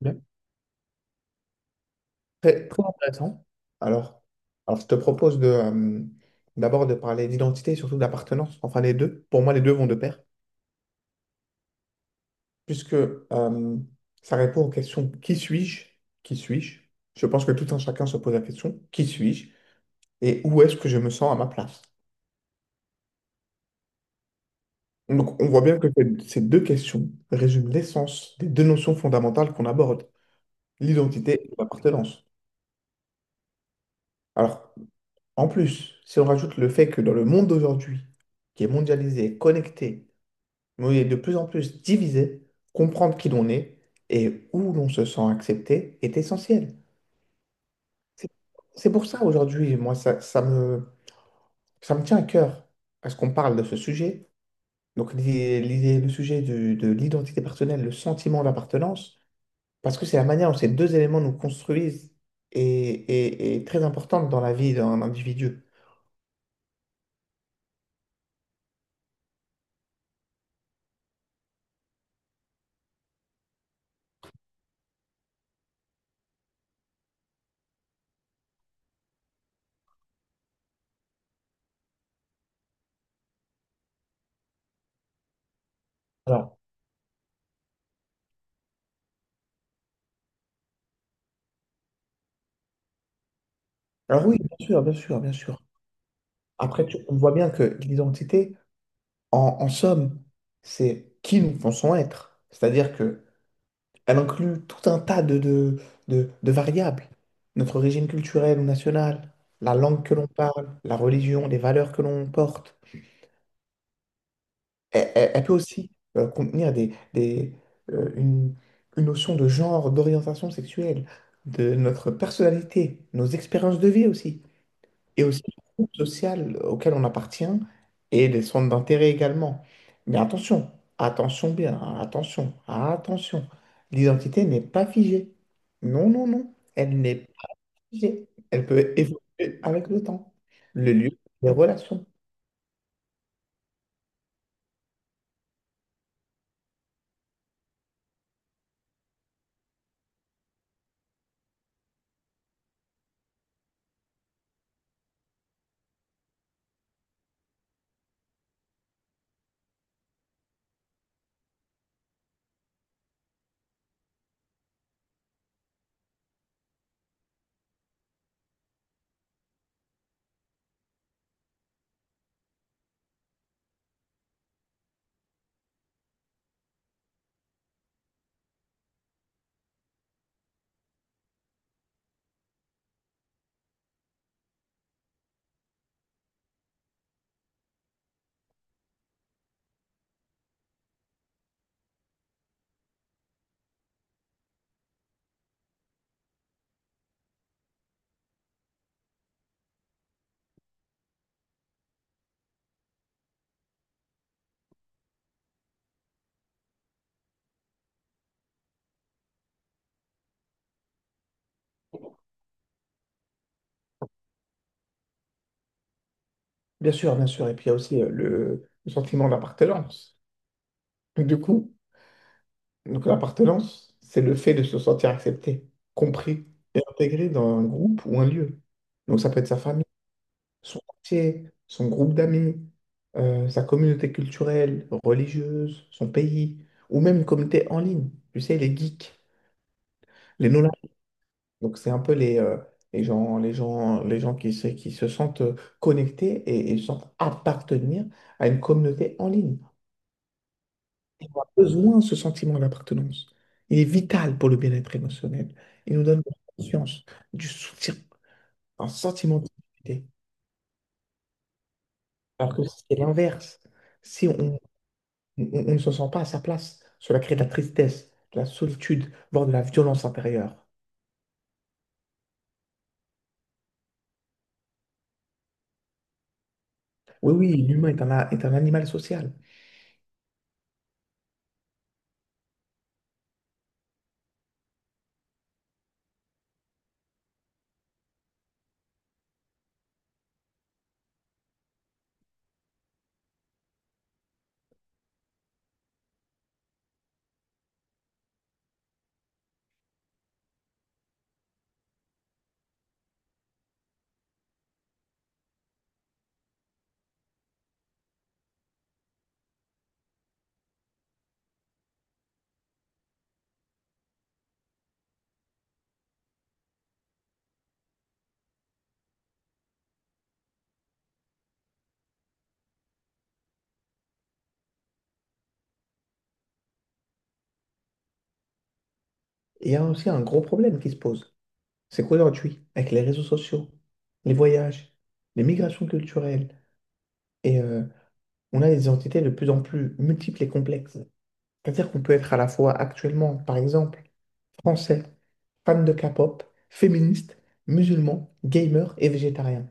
Bien. Très, très intéressant. Alors, alors, je te propose d'abord de parler d'identité et surtout d'appartenance, enfin les deux. Pour moi, les deux vont de pair, puisque ça répond aux questions qui suis-je? Qui suis-je? Je pense que tout un chacun se pose la question, qui suis-je? Et où est-ce que je me sens à ma place? Donc, on voit bien que ces deux questions résument l'essence des deux notions fondamentales qu'on aborde, l'identité et l'appartenance. Alors, en plus, si on rajoute le fait que dans le monde d'aujourd'hui, qui est mondialisé, connecté, oui, de plus en plus diviser, comprendre qui l'on est et où l'on se sent accepté est essentiel. C'est c'est pour ça aujourd'hui, moi, ça me tient à cœur parce qu'on parle de ce sujet. Donc, le sujet de l'identité personnelle, le sentiment d'appartenance, parce que c'est la manière dont ces deux éléments nous construisent et, et très importante dans la vie d'un individu. Alors, alors oui, bien sûr, bien sûr, bien sûr. Après, on voit bien que l'identité, en somme, c'est qui nous pensons être. C'est-à-dire que elle inclut tout un tas de variables. Notre régime culturel ou national, la langue que l'on parle, la religion, les valeurs que l'on porte. Elle peut aussi contenir euh, une, une notion de genre, d'orientation sexuelle, de notre personnalité, nos expériences de vie aussi. Et aussi le groupe social auquel on appartient et les centres d'intérêt également. Mais attention, attention bien, attention, attention. L'identité n'est pas figée. Non, non, non, elle n'est pas figée. Elle peut évoluer avec le temps, le lieu, les relations. Bien sûr, bien sûr. Et puis il y a aussi le sentiment d'appartenance. Du coup, donc l'appartenance, c'est le fait de se sentir accepté, compris et intégré dans un groupe ou un lieu. Donc ça peut être sa famille, son quartier, son groupe d'amis, sa communauté culturelle, religieuse, son pays, ou même une communauté en ligne. Tu sais, les geeks, les no, donc, c'est un peu les gens qui se sentent connectés et sentent appartenir à une communauté en ligne. On a besoin de ce sentiment d'appartenance. Il est vital pour le bien-être émotionnel. Il nous donne de la confiance, du soutien, un sentiment de sécurité. Alors que si c'est l'inverse. Si on on ne se sent pas à sa place. Cela crée de la tristesse, de la solitude, voire de la violence intérieure. Oui, oui, l'humain est est un animal social. Et il y a aussi un gros problème qui se pose. C'est qu'aujourd'hui, avec les réseaux sociaux, les voyages, les migrations culturelles, et euh, on a des identités de plus en plus multiples et complexes. C'est-à-dire qu'on peut être à la fois actuellement, par exemple, français, fan de K-pop, féministe, musulman, gamer et végétarien.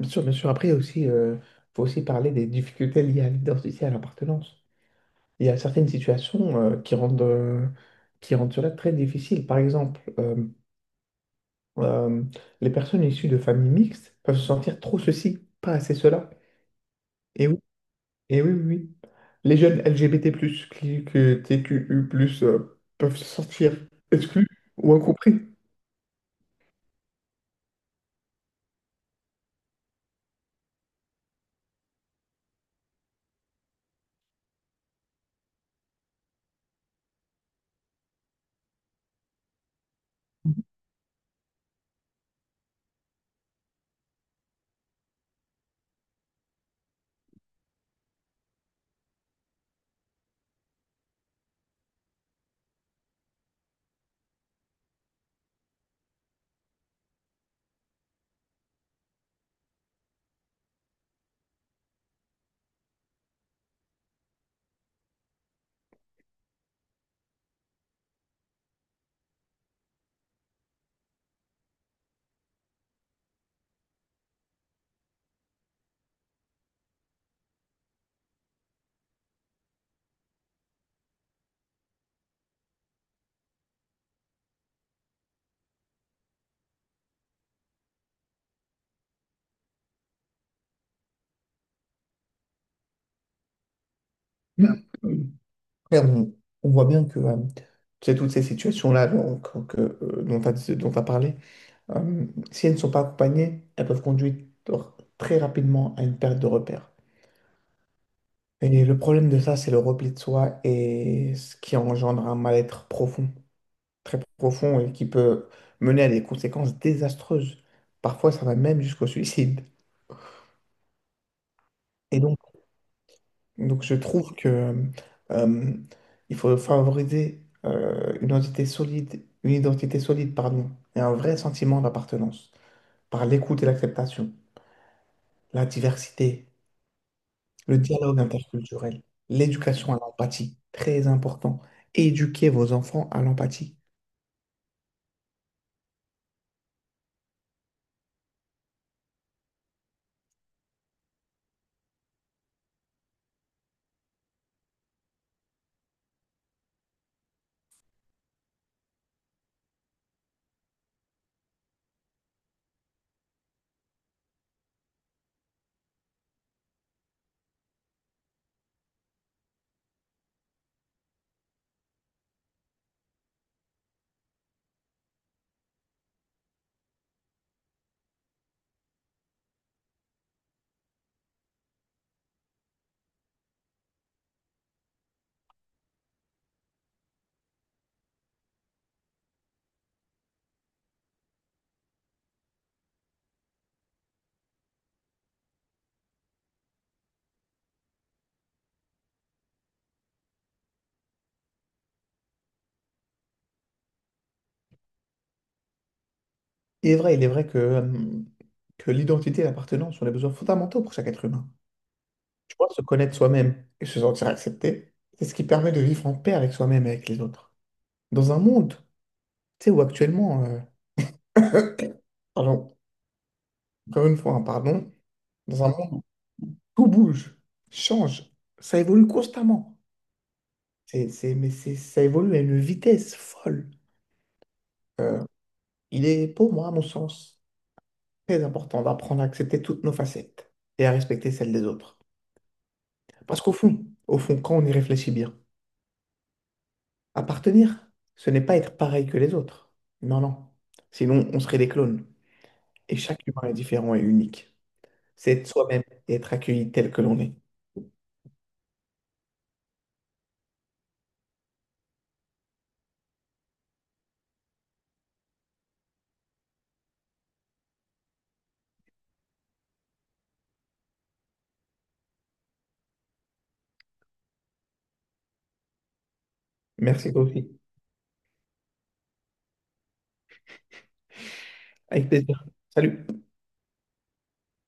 Bien sûr, bien sûr. Après, il y a aussi, faut aussi parler des difficultés liées à l'identité, à l'appartenance. Il y a certaines situations qui rendent cela très difficile. Par exemple, euh, les personnes issues de familles mixtes peuvent se sentir trop ceci, pas assez cela. Et oui, et oui, oui, oui. Les jeunes LGBT+, que TQU+, peuvent se sentir exclus ou incompris. Et on voit bien que c'est toutes ces situations-là donc, que, dont tu as, dont t'as parlé. Euh, si elles ne sont pas accompagnées, elles peuvent conduire très rapidement à une perte de repères. Et le problème de ça, c'est le repli de soi et ce qui engendre un mal-être profond, très profond et qui peut mener à des conséquences désastreuses. Parfois, ça va même jusqu'au suicide. Et donc je trouve que euh, il faut favoriser une identité solide, pardon, et un vrai sentiment d'appartenance par l'écoute et l'acceptation, la diversité. Le dialogue interculturel, l'éducation à l'empathie, très important. Éduquer vos enfants à l'empathie. Il est vrai que l'identité et l'appartenance sont des besoins fondamentaux pour chaque être humain. Tu vois, se connaître soi-même et se sentir accepté, c'est ce qui permet de vivre en paix avec soi-même et avec les autres. Dans un monde, tu sais, où actuellement, pardon, encore une fois, hein, pardon, dans un monde où tout bouge, change, ça évolue constamment. Ça évolue à une vitesse folle. Euh, Il est, pour moi, à mon sens, très important d'apprendre à accepter toutes nos facettes et à respecter celles des autres. Parce qu'au fond, au fond, quand on y réfléchit bien, appartenir, ce n'est pas être pareil que les autres. Non, non. Sinon, on serait des clones. Et chaque humain est différent et unique. C'est être soi-même et être accueilli tel que l'on est. Merci toi aussi. Avec plaisir. Salut.